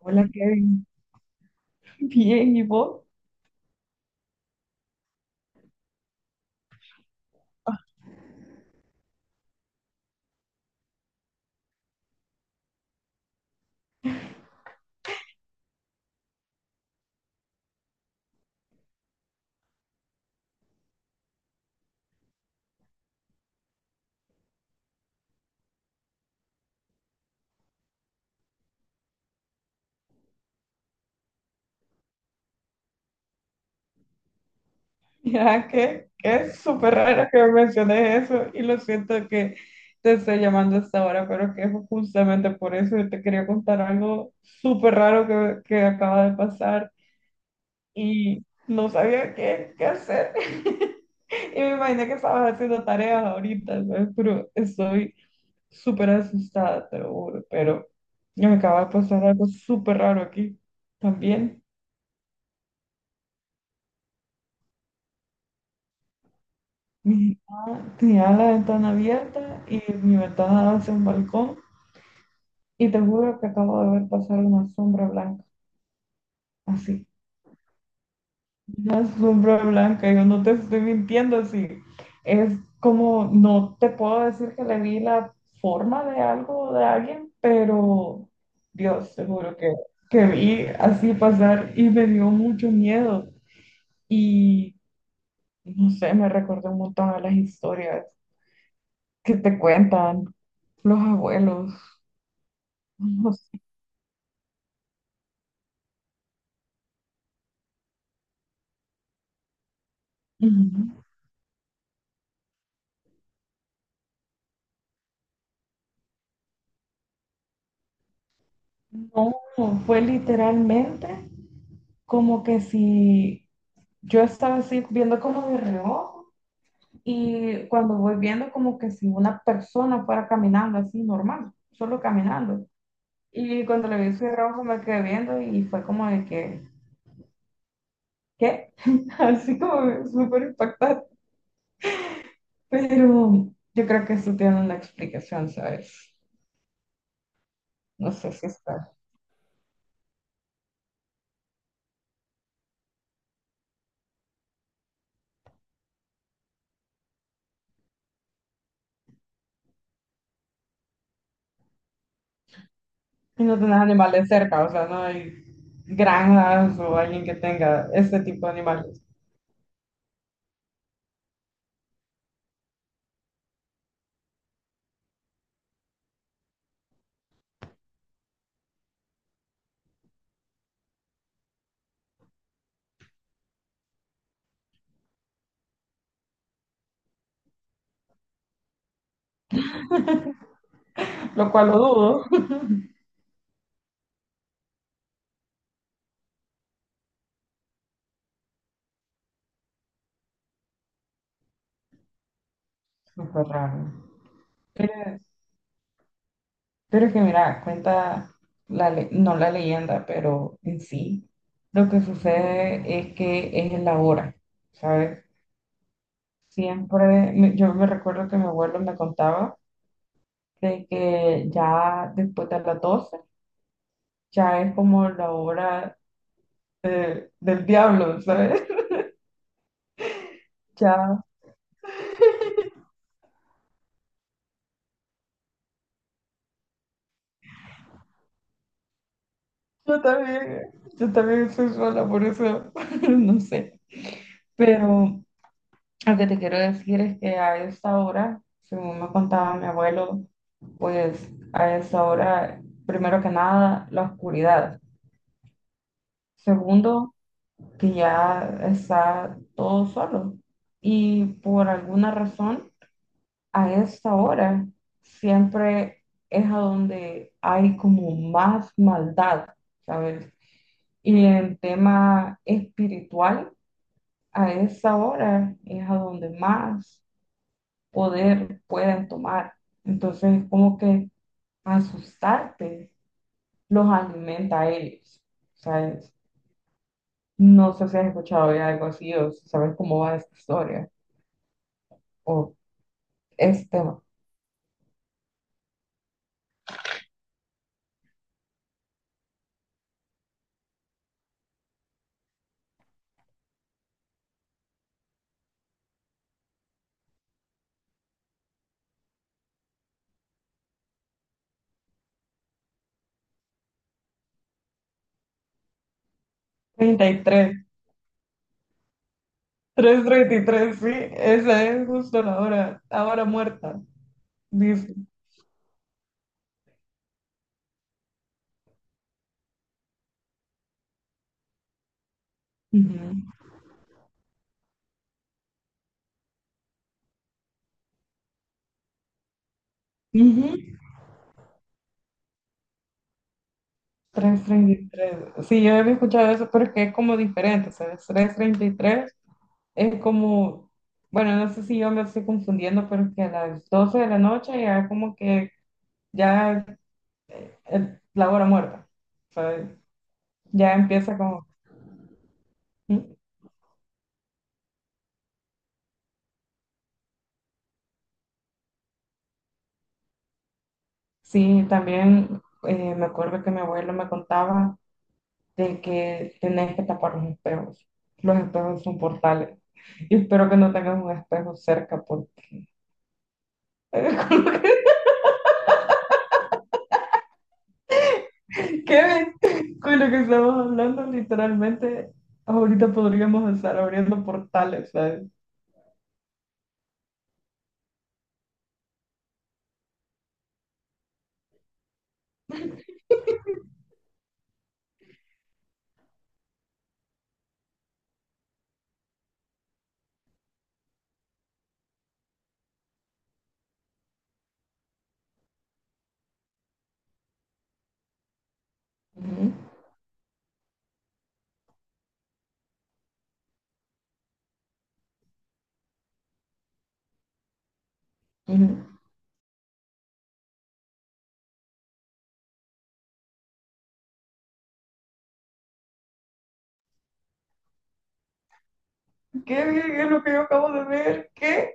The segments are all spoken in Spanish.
Hola, Kevin. Bien, ¿y vos? Ya que es súper raro que me menciones eso y lo siento que te estoy llamando hasta ahora, pero que es justamente por eso que te quería contar algo súper raro que acaba de pasar y no sabía qué hacer. Y me imaginé que estabas haciendo tareas ahorita, ¿sabes? Pero estoy súper asustada, te lo juro, pero me acaba de pasar algo súper raro aquí también. Mi mamá tenía la ventana abierta y mi ventana daba hacia un balcón y te juro que acabo de ver pasar una sombra blanca, así, una sombra blanca, yo no te estoy mintiendo, así, es como, no te puedo decir que le vi la forma de algo o de alguien, pero Dios, te juro que vi así pasar y me dio mucho miedo y no sé, me recordó un montón a las historias que te cuentan los abuelos. No sé. Ujú. No, fue literalmente como que si yo estaba así viendo como de reojo y cuando voy viendo como que si una persona fuera caminando así normal, solo caminando. Y cuando le vi su reojo me quedé viendo y fue como de que, ¿qué? Así como súper impactante. Pero yo creo que eso tiene una explicación, ¿sabes? No sé si está. ¿Y no tenés animales cerca? O sea, no hay granjas o alguien que tenga este tipo de animales, lo cual lo dudo. Súper raro. Pero, pero es que mira, cuenta, la no la leyenda, pero en sí, lo que sucede es que es en la hora, ¿sabes? Siempre, yo me recuerdo que mi abuelo me contaba de que ya después de las 12 ya es como la hora del diablo, ¿sabes? Ya, yo también, yo también soy sola, por eso no sé. Pero lo que te quiero decir es que a esa hora, según me contaba mi abuelo, pues a esa hora, primero que nada, la oscuridad. Segundo, que ya está todo solo. Y por alguna razón, a esa hora siempre es a donde hay como más maldad, ¿sabes? Y en tema espiritual, a esa hora es a donde más poder pueden tomar. Entonces es como que asustarte los alimenta a ellos, ¿sabes? No sé si has escuchado ya algo así o si sabes cómo va esta historia o este tema. 33, 333, sí, esa es justo la hora muerta, dice. Ujú. Ujú. 333. Sí, yo había escuchado eso, pero es que es como diferente, ¿sabes? 333. Es como, bueno, no sé si yo lo estoy confundiendo, pero es que a las 12 de la noche ya como que ya, la hora muerta, ¿sabes? Ya empieza como... ¿Mm? Sí, también me acuerdo que mi abuelo me contaba de que tenés que tapar los espejos. Los espejos son portales. Y espero que no tengas un espejo cerca porque... con lo con lo que estamos hablando, literalmente, ahorita podríamos estar abriendo portales, ¿sabes? Ujú, ujú. ¿Qué, qué, qué es lo que yo acabo de ver? ¿Qué?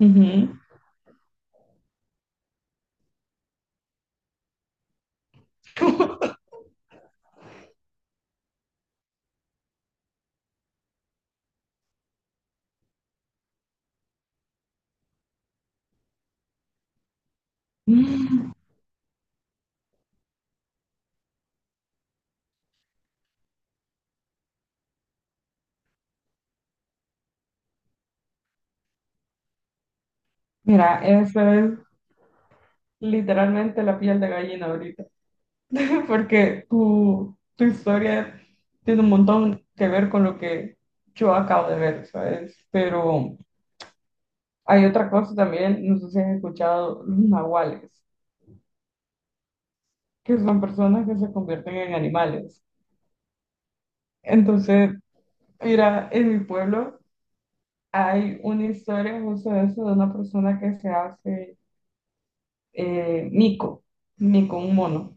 Ujú. Mm, mira, eso es literalmente la piel de gallina ahorita, porque tu historia tiene un montón que ver con lo que yo acabo de ver, ¿sabes? Pero hay otra cosa también, no sé si has escuchado los nahuales, que son personas que se convierten en animales. Entonces, mira, en mi pueblo hay una historia justo de eso, de una persona que se hace eh, mico, mico, un mono.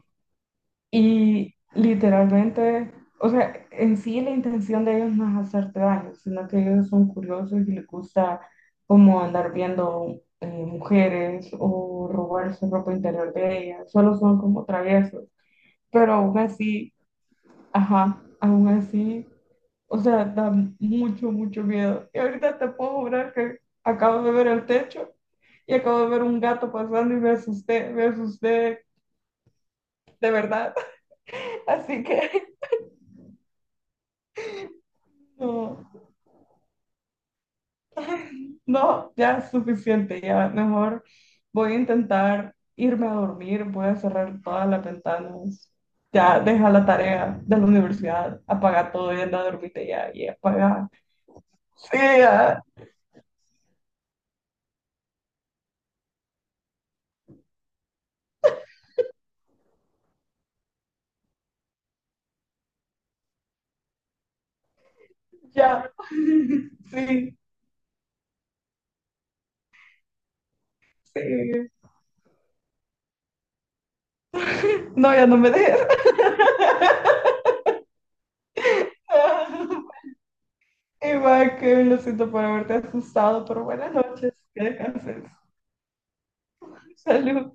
Y literalmente, o sea, en sí la intención de ellos no es hacerte daño, sino que ellos son curiosos y les gusta como andar viendo mujeres o robarse ropa interior de ellas. Solo son como traviesos. Pero aún así, ajá, aún así, o sea, da mucho, mucho miedo. Y ahorita te puedo jurar que acabo de ver el techo y acabo de ver un gato pasando y me asusté de verdad. Así que no, no, ya es suficiente, ya mejor voy a intentar irme a dormir, voy a cerrar todas las ventanas, ya deja la tarea de la universidad, apaga todo y anda a dormirte ya y apaga. Sí, ya, ya, sí. Sí. No, ya no me dejes. Igual que lo siento por haberte asustado, pero buenas noches. Que descanses. Salud.